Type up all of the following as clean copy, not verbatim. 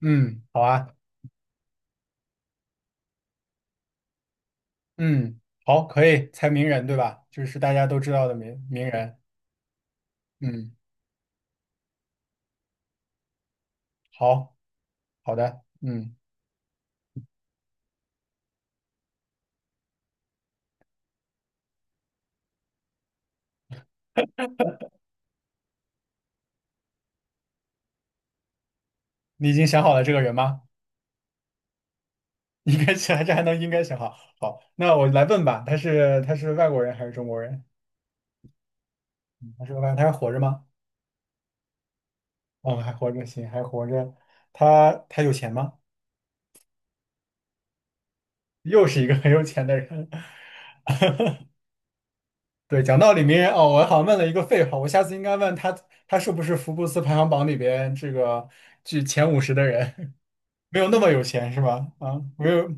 嗯，好啊，嗯，好，可以猜名人，对吧？就是大家都知道的名人。嗯，好，好的，嗯，你已经想好了这个人吗？应该想，这还能应该想好。好，那我来问吧，他是外国人还是中国人？他是个外，他还活着吗？哦，还活着，行，还活着。他有钱吗？又是一个很有钱的人。对，讲道理，名人哦，我好像问了一个废话，我下次应该问他，他是不是福布斯排行榜里边这个居前50的人？没有那么有钱是吧？啊，没有，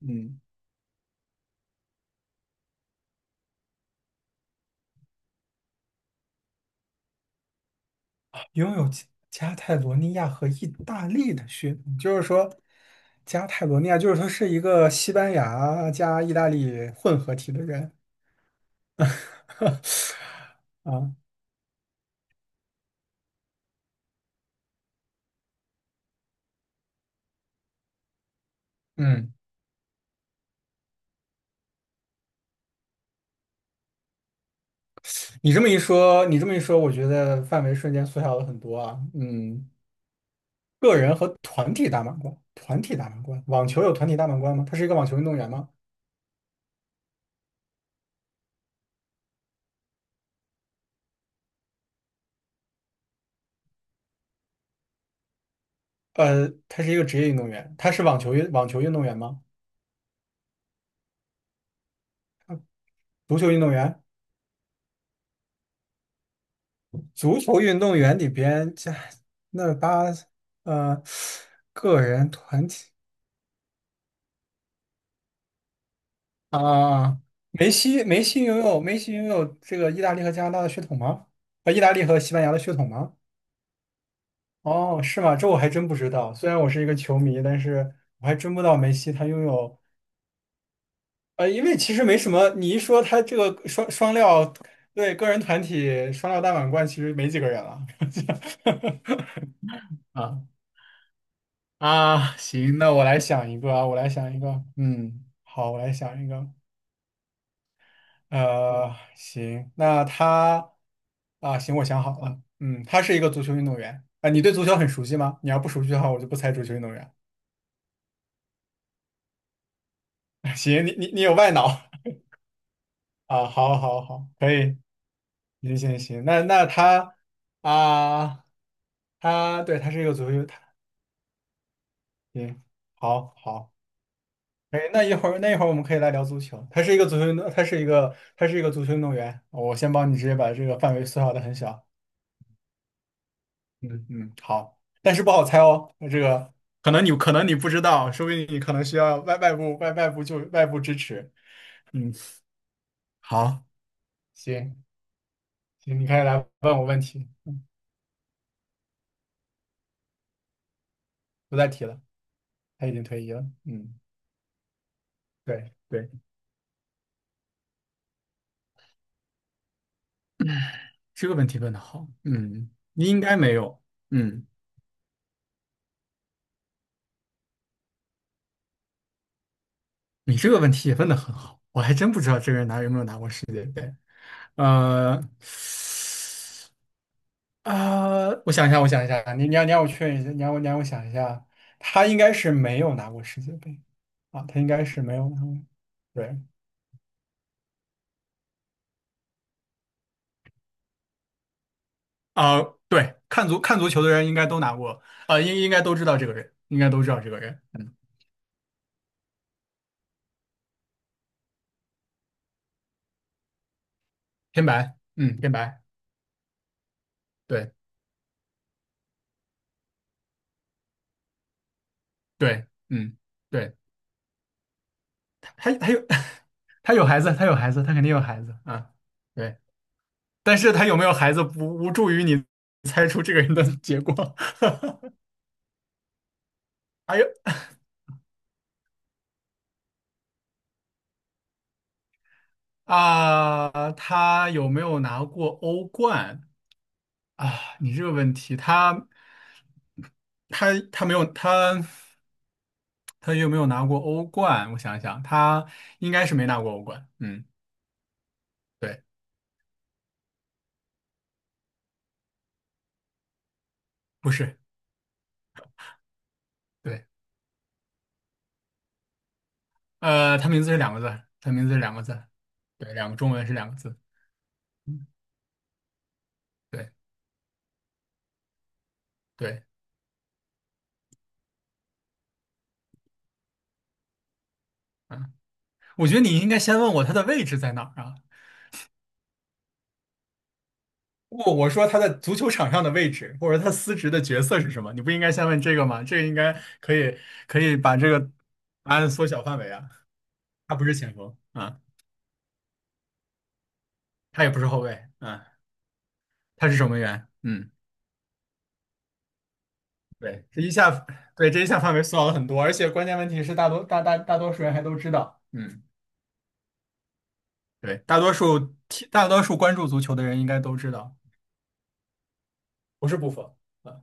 嗯，拥有加泰罗尼亚和意大利的血统，就是说，加泰罗尼亚就是说是一个西班牙加意大利混合体的人。啊，嗯，你这么一说，我觉得范围瞬间缩小了很多啊。嗯，个人和团体大满贯，网球有团体大满贯吗？他是一个网球运动员吗？他是一个职业运动员，他是网球运动员吗？足球运动员？足球运动员里边，这那八呃个人团体啊，梅西拥有这个意大利和加拿大的血统吗？啊，意大利和西班牙的血统吗？哦，是吗？这我还真不知道。虽然我是一个球迷，但是我还真不知道梅西他拥有因为其实没什么。你一说他这个双料，对个人团体双料大满贯，其实没几个人了 啊。啊，行，那我来想一个啊，我来想一个，嗯，好，我来想一个，呃，行，那他啊，行，我想好了，嗯，他是一个足球运动员啊，你对足球很熟悉吗？你要不熟悉的话，我就不猜足球运动员。行，你有外脑 啊，好，好，好，可以，行行行，那他啊，他对，他是一个足球，他行，好好。哎，那一会儿我们可以来聊足球。他是一个足球运动员。我先帮你直接把这个范围缩小的很小。嗯嗯，好，但是不好猜哦。那这个可能你不知道，说不定你可能需要外部支持。嗯，好，行行，你可以来问我问题，不再提了，他已经退役了。嗯，对对，这个问题问的好。嗯，你应该没有。嗯，你这个问题也问的很好，我还真不知道这个人有没有拿过世界杯。呃，我想一下，你让我确认一下，你让我想一下，他应该是没有拿过世界杯啊，他应该是没有拿过，对，啊、对，看足球的人应该都拿过，应该都知道这个人，天白，嗯，天白，对对，嗯，对，他有 他有孩子，他肯定有孩子啊，对，但是他有没有孩子不无助于你猜出这个人的结果。还有。啊，他有没有拿过欧冠啊？你这个问题，他他没有他他有没有拿过欧冠？我想一想，他应该是没拿过欧冠。嗯，对，不是，对，他名字是两个字，对，两个中文是两个字。嗯对对，嗯，我觉得你应该先问我他的位置在哪儿啊？不，我说他在足球场上的位置，或者他司职的角色是什么？你不应该先问这个吗？这个应该可以可以把这个答案缩小范围啊。他不是前锋啊，他也不是后卫啊，他是守门员。嗯，对，这一下范围缩小了很多，而且关键问题是大多数人还都知道。嗯，对，大多数关注足球的人应该都知道，不是布冯啊，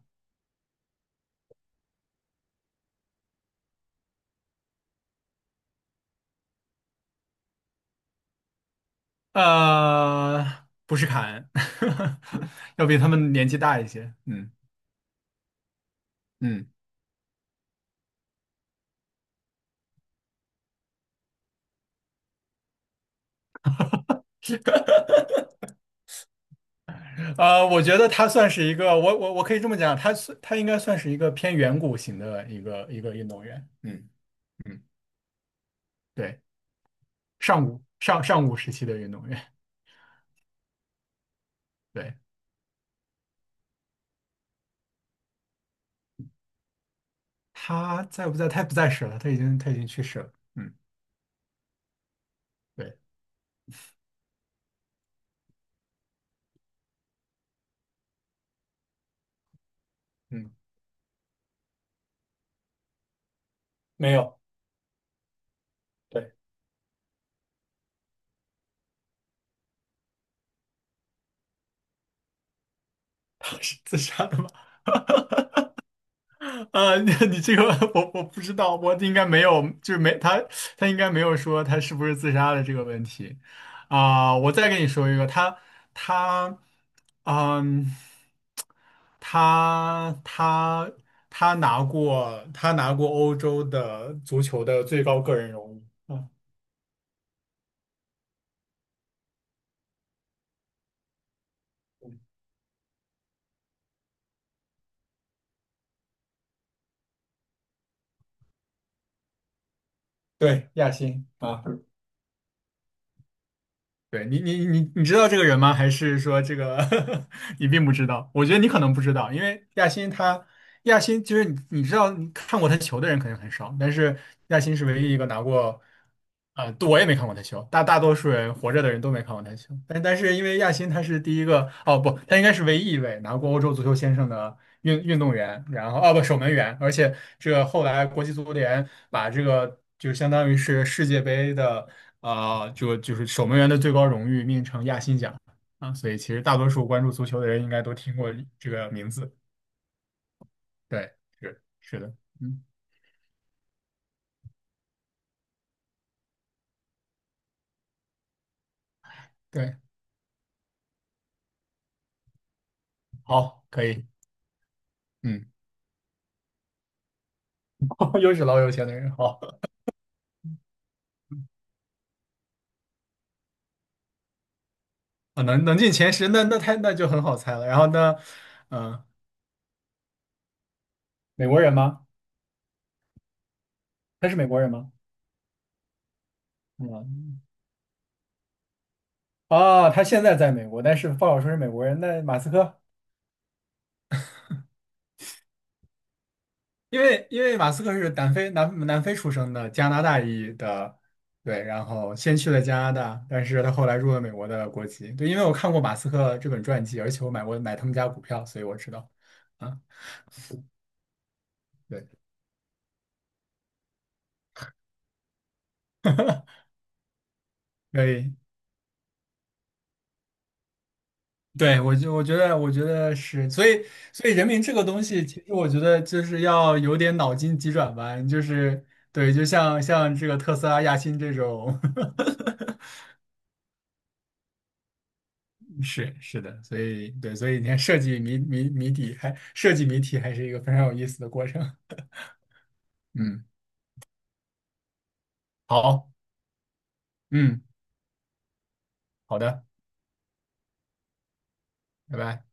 不是凯恩，要比他们年纪大一些。嗯嗯。我觉得他算是一个，我可以这么讲，他算它应该算是一个偏远古型的一个运动员。嗯嗯，对，上古时期的运动员。对，他在不在？他不在世了，他已经去世了。嗯，对，嗯，没有，对，他是自杀的吗？你 你这个 我不知道，我应该没有，就是没他他应该没有说他是不是自杀的这个问题我再跟你说一个，他嗯，他他他拿过欧洲的足球的最高个人荣誉。啊，对，亚新啊，对你知道这个人吗？还是说这个 你并不知道？我觉得你可能不知道，因为亚新他。亚新其实你知道，你看过他球的人肯定很少，但是亚新是唯一一个拿过，对我也没看过他球，大多数人活着的人都没看过他球，但是因为亚新他是第一个，哦不，他应该是唯一一位拿过欧洲足球先生的运动员，然后哦不守门员，而且这个后来国际足联把这个就相当于是世界杯的就是守门员的最高荣誉命名成亚新奖啊，所以其实大多数关注足球的人应该都听过这个名字。对，是是的，嗯，对，好，可以，嗯，又是老有钱的人，好，啊，能进前10，那就很好猜了。然后呢，嗯、美国人吗？他是美国人吗？嗯，啊，他现在在美国，但是不好说是美国人。那马斯克，因为马斯克是南非出生的，加拿大裔的，对，然后先去了加拿大，但是他后来入了美国的国籍。对，因为我看过马斯克这本传记，而且我买过他们家股票，所以我知道。啊，对，可以。对，我觉得，我觉得是，所以，人民这个东西，其实我觉得就是要有点脑筋急转弯，就是对，就像这个特斯拉、亚新这种，是是的，所以对，所以你看设计谜底还设计谜题还是一个非常有意思的过程。嗯，好，嗯，好的，拜拜。